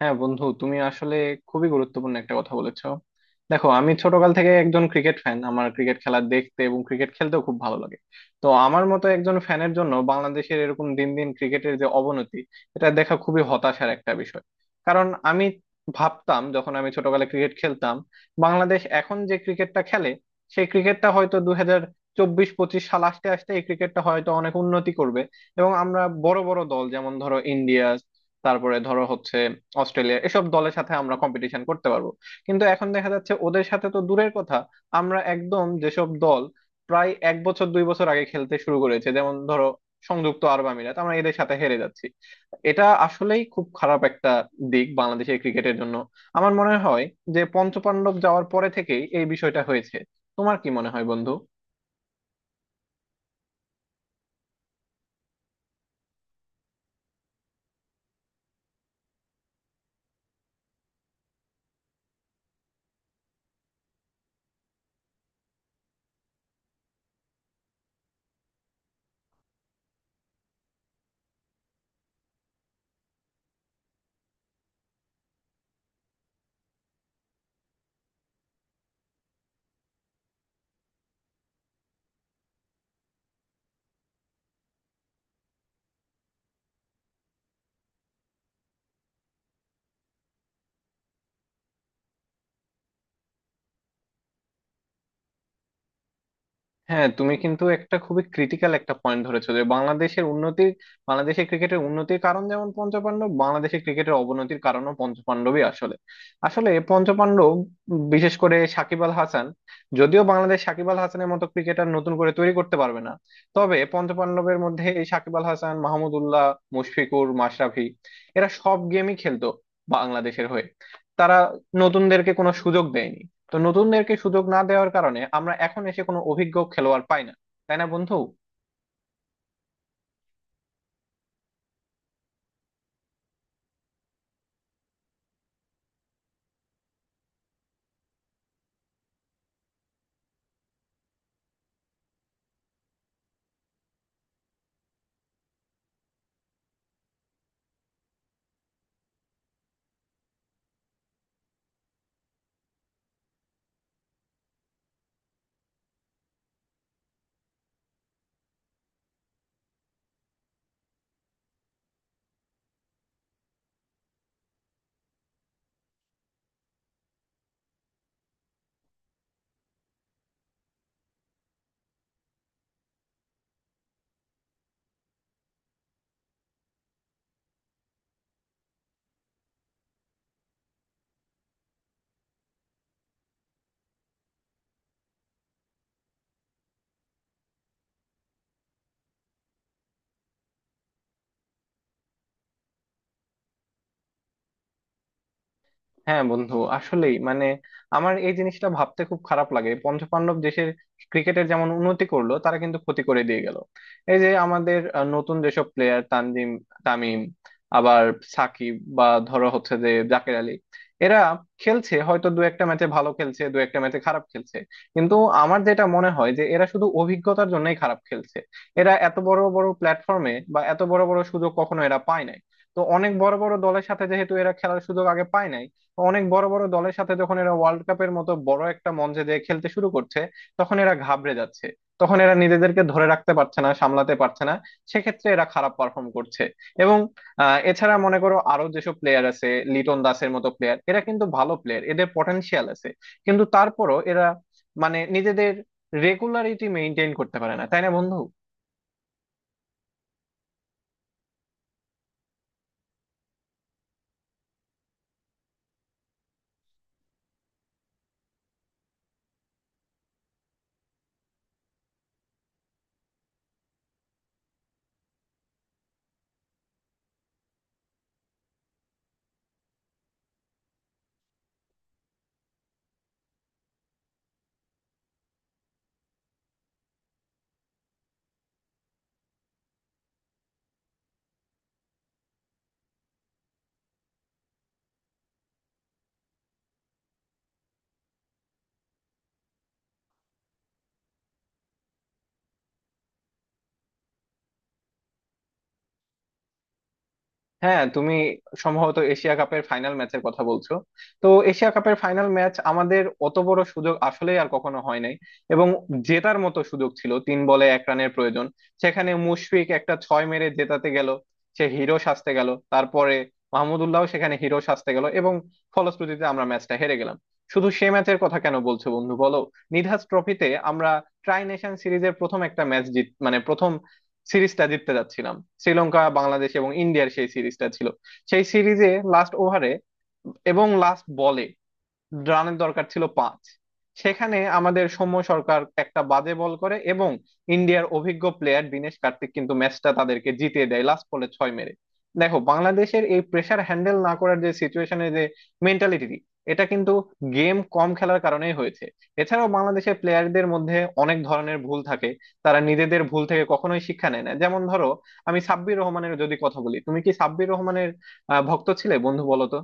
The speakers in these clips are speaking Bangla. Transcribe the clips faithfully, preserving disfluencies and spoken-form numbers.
হ্যাঁ বন্ধু, তুমি আসলে খুবই গুরুত্বপূর্ণ একটা কথা বলেছো। দেখো, আমি ছোটকাল থেকে একজন ক্রিকেট ফ্যান। আমার ক্রিকেট খেলা দেখতে এবং ক্রিকেট খেলতেও খুব ভালো লাগে। তো আমার মতো একজন ফ্যানের জন্য বাংলাদেশের এরকম দিন দিন ক্রিকেটের যে অবনতি, এটা দেখা খুবই হতাশার একটা বিষয়। কারণ আমি ভাবতাম যখন আমি ছোটকালে ক্রিকেট খেলতাম, বাংলাদেশ এখন যে ক্রিকেটটা খেলে সেই ক্রিকেটটা হয়তো দুই হাজার চব্বিশ পঁচিশ সাল আসতে আসতে এই ক্রিকেটটা হয়তো অনেক উন্নতি করবে। এবং আমরা বড় বড় দল যেমন ধরো ইন্ডিয়া, তারপরে ধরো হচ্ছে অস্ট্রেলিয়া, এসব দলের সাথে আমরা কম্পিটিশন করতে পারবো। কিন্তু এখন দেখা যাচ্ছে ওদের সাথে তো দূরের কথা, আমরা একদম যেসব দল প্রায় এক বছর দুই বছর আগে খেলতে শুরু করেছে যেমন ধরো সংযুক্ত আরব আমিরাত, আমরা এদের সাথে হেরে যাচ্ছি। এটা আসলেই খুব খারাপ একটা দিক বাংলাদেশের ক্রিকেটের জন্য। আমার মনে হয় যে পঞ্চপাণ্ডব যাওয়ার পরে থেকেই এই বিষয়টা হয়েছে। তোমার কি মনে হয় বন্ধু? হ্যাঁ, তুমি কিন্তু একটা খুবই ক্রিটিক্যাল একটা পয়েন্ট ধরেছো যে বাংলাদেশের উন্নতির, বাংলাদেশের ক্রিকেটের উন্নতির কারণ যেমন পঞ্চপাণ্ডব, বাংলাদেশের ক্রিকেটের অবনতির কারণও পঞ্চপাণ্ডবই আসলে। আসলে পঞ্চপাণ্ডব, বিশেষ করে সাকিব আল হাসান, যদিও বাংলাদেশ সাকিব আল হাসানের মতো ক্রিকেটার নতুন করে তৈরি করতে পারবে না, তবে পঞ্চপাণ্ডবের মধ্যে এই সাকিব আল হাসান, মাহমুদউল্লাহ, মুশফিকুর, মাশরাফি, এরা সব গেমই খেলতো বাংলাদেশের হয়ে। তারা নতুনদেরকে কোনো সুযোগ দেয়নি। তো নতুনদেরকে সুযোগ না দেওয়ার কারণে আমরা এখন এসে কোনো অভিজ্ঞ খেলোয়াড় পাই না। তাই না বন্ধু? হ্যাঁ বন্ধু, আসলেই মানে, আমার এই জিনিসটা ভাবতে খুব খারাপ লাগে। পঞ্চপাণ্ডব দেশের ক্রিকেটের যেমন উন্নতি করলো, তারা কিন্তু ক্ষতি করে দিয়ে গেল। এই যে আমাদের আহ, নতুন যেসব প্লেয়ার তানজিম তামিম, আবার সাকিব বা ধরো হচ্ছে যে জাকের আলী, এরা খেলছে, হয়তো দু একটা ম্যাচে ভালো খেলছে, দু একটা ম্যাচে খারাপ খেলছে। কিন্তু আমার যেটা মনে হয় যে এরা শুধু অভিজ্ঞতার জন্যই খারাপ খেলছে। এরা এত বড় বড় প্ল্যাটফর্মে বা এত বড় বড় সুযোগ কখনো এরা পায় নাই। তো অনেক বড় বড় দলের সাথে যেহেতু এরা খেলার সুযোগ আগে পায় নাই, অনেক বড় বড় দলের সাথে যখন এরা ওয়ার্ল্ড কাপের মতো বড় একটা মঞ্চে যেয়ে খেলতে শুরু করছে, তখন এরা ঘাবড়ে যাচ্ছে। তখন এরা নিজেদেরকে ধরে রাখতে পারছে না, সামলাতে পারছে না। সেক্ষেত্রে এরা খারাপ পারফর্ম করছে। এবং আহ, এছাড়া মনে করো আরো যেসব প্লেয়ার আছে, লিটন দাসের মতো প্লেয়ার, এরা কিন্তু ভালো প্লেয়ার, এদের পটেনশিয়াল আছে। কিন্তু তারপরও এরা মানে নিজেদের রেগুলারিটি মেনটেন করতে পারে না। তাই না বন্ধু? হ্যাঁ, তুমি সম্ভবত এশিয়া কাপের ফাইনাল ম্যাচের কথা বলছো। তো এশিয়া কাপের ফাইনাল ম্যাচ, আমাদের অত বড় সুযোগ আসলে আর কখনো হয় নাই। এবং জেতার মতো সুযোগ ছিল, তিন বলে এক রানের প্রয়োজন। সেখানে মুশফিক একটা ছয় মেরে জেতাতে গেল, সে হিরো সাজতে গেল। তারপরে মাহমুদুল্লাহ সেখানে হিরো সাজতে গেল এবং ফলশ্রুতিতে আমরা ম্যাচটা হেরে গেলাম। শুধু সে ম্যাচের কথা কেন বলছো বন্ধু, বলো। নিধাস ট্রফিতে আমরা ট্রাই নেশন সিরিজের প্রথম একটা ম্যাচ জিত মানে প্রথম সিরিজটা জিততে যাচ্ছিলাম। শ্রীলঙ্কা, বাংলাদেশ এবং ইন্ডিয়ার সেই সিরিজটা ছিল। সেই সিরিজে লাস্ট ওভারে এবং লাস্ট বলে রানের দরকার ছিল পাঁচ। সেখানে আমাদের সৌম্য সরকার একটা বাজে বল করে এবং ইন্ডিয়ার অভিজ্ঞ প্লেয়ার দিনেশ কার্তিক কিন্তু ম্যাচটা তাদেরকে জিতিয়ে দেয় লাস্ট বলে ছয় মেরে। দেখো, বাংলাদেশের এই প্রেসার হ্যান্ডেল না করার যে সিচুয়েশনে যে মেন্টালিটি, এটা কিন্তু গেম কম খেলার কারণেই হয়েছে। এছাড়াও বাংলাদেশের প্লেয়ারদের মধ্যে অনেক ধরনের ভুল থাকে। তারা নিজেদের ভুল থেকে কখনোই শিক্ষা নেয় না। যেমন ধরো, আমি সাব্বির রহমানের যদি কথা বলি, তুমি কি সাব্বির রহমানের আহ, ভক্ত ছিলে বন্ধু, বলো তো?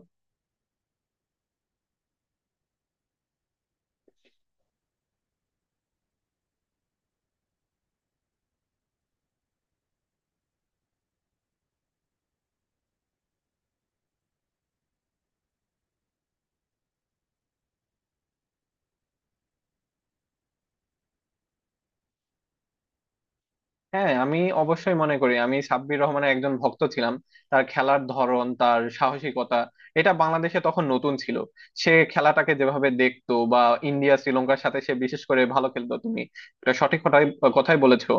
হ্যাঁ, আমি অবশ্যই মনে করি আমি সাব্বির রহমানের একজন ভক্ত ছিলাম। তার খেলার ধরন, তার সাহসিকতা, এটা বাংলাদেশে তখন নতুন ছিল। সে খেলাটাকে যেভাবে দেখতো বা ইন্ডিয়া শ্রীলঙ্কার সাথে সে বিশেষ করে ভালো খেলতো, তুমি এটা সঠিক কথাই কথাই বলেছো।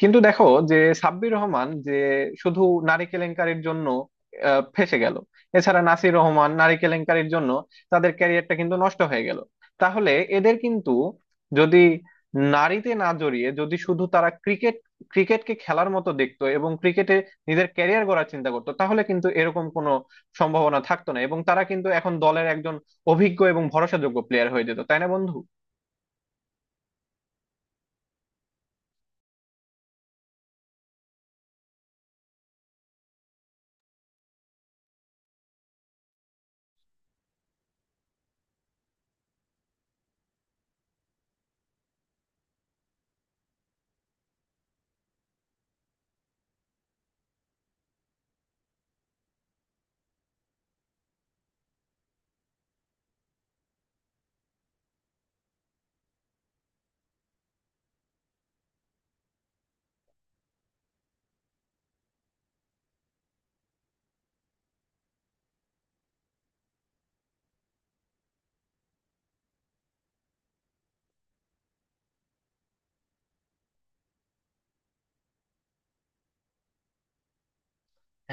কিন্তু দেখো, যে সাব্বির রহমান যে শুধু নারী কেলেঙ্কারির জন্য আহ, ফেঁসে গেল, এছাড়া নাসির রহমান নারী কেলেঙ্কারির জন্য তাদের ক্যারিয়ারটা কিন্তু নষ্ট হয়ে গেল। তাহলে এদের কিন্তু যদি নারীতে না জড়িয়ে যদি শুধু তারা ক্রিকেট ক্রিকেটকে খেলার মতো দেখতো এবং ক্রিকেটে নিজের ক্যারিয়ার গড়ার চিন্তা করতো, তাহলে কিন্তু এরকম কোনো সম্ভাবনা থাকতো না এবং তারা কিন্তু এখন দলের একজন অভিজ্ঞ এবং ভরসাযোগ্য প্লেয়ার হয়ে যেত। তাই না বন্ধু?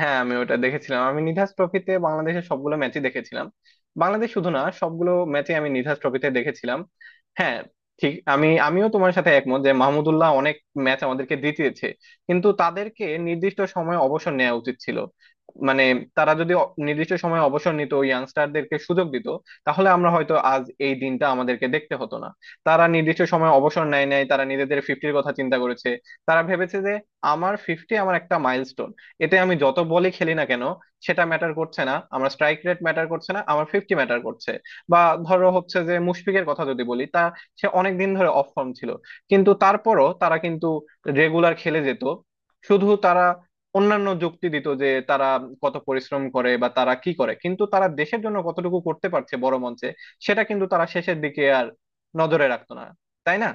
হ্যাঁ আমি ওটা দেখেছিলাম। আমি নিধাস ট্রফিতে বাংলাদেশের সবগুলো ম্যাচই দেখেছিলাম। বাংলাদেশ শুধু না, সবগুলো ম্যাচই আমি নিধাস ট্রফিতে দেখেছিলাম। হ্যাঁ, ঠিক, আমি আমিও তোমার সাথে একমত যে মাহমুদুল্লাহ অনেক ম্যাচ আমাদেরকে জিতিয়েছে। কিন্তু তাদেরকে নির্দিষ্ট সময়ে অবসর নেওয়া উচিত ছিল। মানে, তারা যদি অ- নির্দিষ্ট সময়ে অবসর নিত, ইয়াংস্টারদেরকে সুযোগ দিত, তাহলে আমরা হয়তো আজ এই দিনটা আমাদেরকে দেখতে হতো না। তারা নির্দিষ্ট সময়ে অবসর নেয় নাই, তারা নিজেদের ফিফটির কথা চিন্তা করেছে। তারা ভেবেছে যে আমার ফিফটি আমার একটা মাইলস্টোন, এতে আমি যত বলই খেলি না কেন সেটা ম্যাটার করছে না, আমার স্ট্রাইক রেট ম্যাটার করছে না, আমার ফিফটি ম্যাটার করছে। বা ধরো হচ্ছে যে মুশফিকের কথা যদি বলি তা, সে অনেক দিন ধরে অফ ফর্ম ছিল, কিন্তু তারপরও তারা কিন্তু রেগুলার খেলে যেত। শুধু তারা অন্যান্য যুক্তি দিত যে তারা কত পরিশ্রম করে বা তারা কি করে, কিন্তু তারা দেশের জন্য কতটুকু করতে পারছে বড় মঞ্চে সেটা কিন্তু তারা শেষের দিকে আর নজরে রাখতো না। তাই না?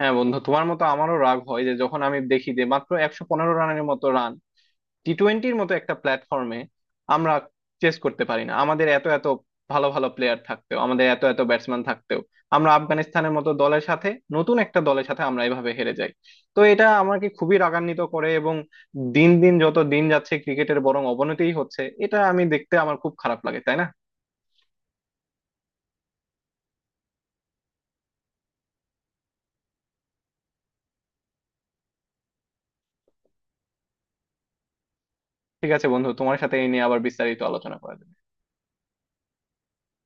হ্যাঁ বন্ধু, তোমার মতো আমারও রাগ হয় যে যখন আমি দেখি যে মাত্র একশো পনেরো রানের মতো রান টি টোয়েন্টির মতো একটা প্ল্যাটফর্মে আমরা চেস করতে পারি না, আমাদের এত এত ভালো ভালো প্লেয়ার থাকতেও, আমাদের এত এত ব্যাটসম্যান থাকতেও আমরা আফগানিস্তানের মতো দলের সাথে, নতুন একটা দলের সাথে আমরা এভাবে হেরে যাই। তো এটা আমাকে খুবই রাগান্বিত করে। এবং দিন দিন যত দিন যাচ্ছে ক্রিকেটের বরং অবনতিই হচ্ছে, এটা আমি দেখতে আমার খুব খারাপ লাগে। তাই না? ঠিক আছে বন্ধু, তোমার সাথে এই নিয়ে আবার বিস্তারিত আলোচনা করা যাবে।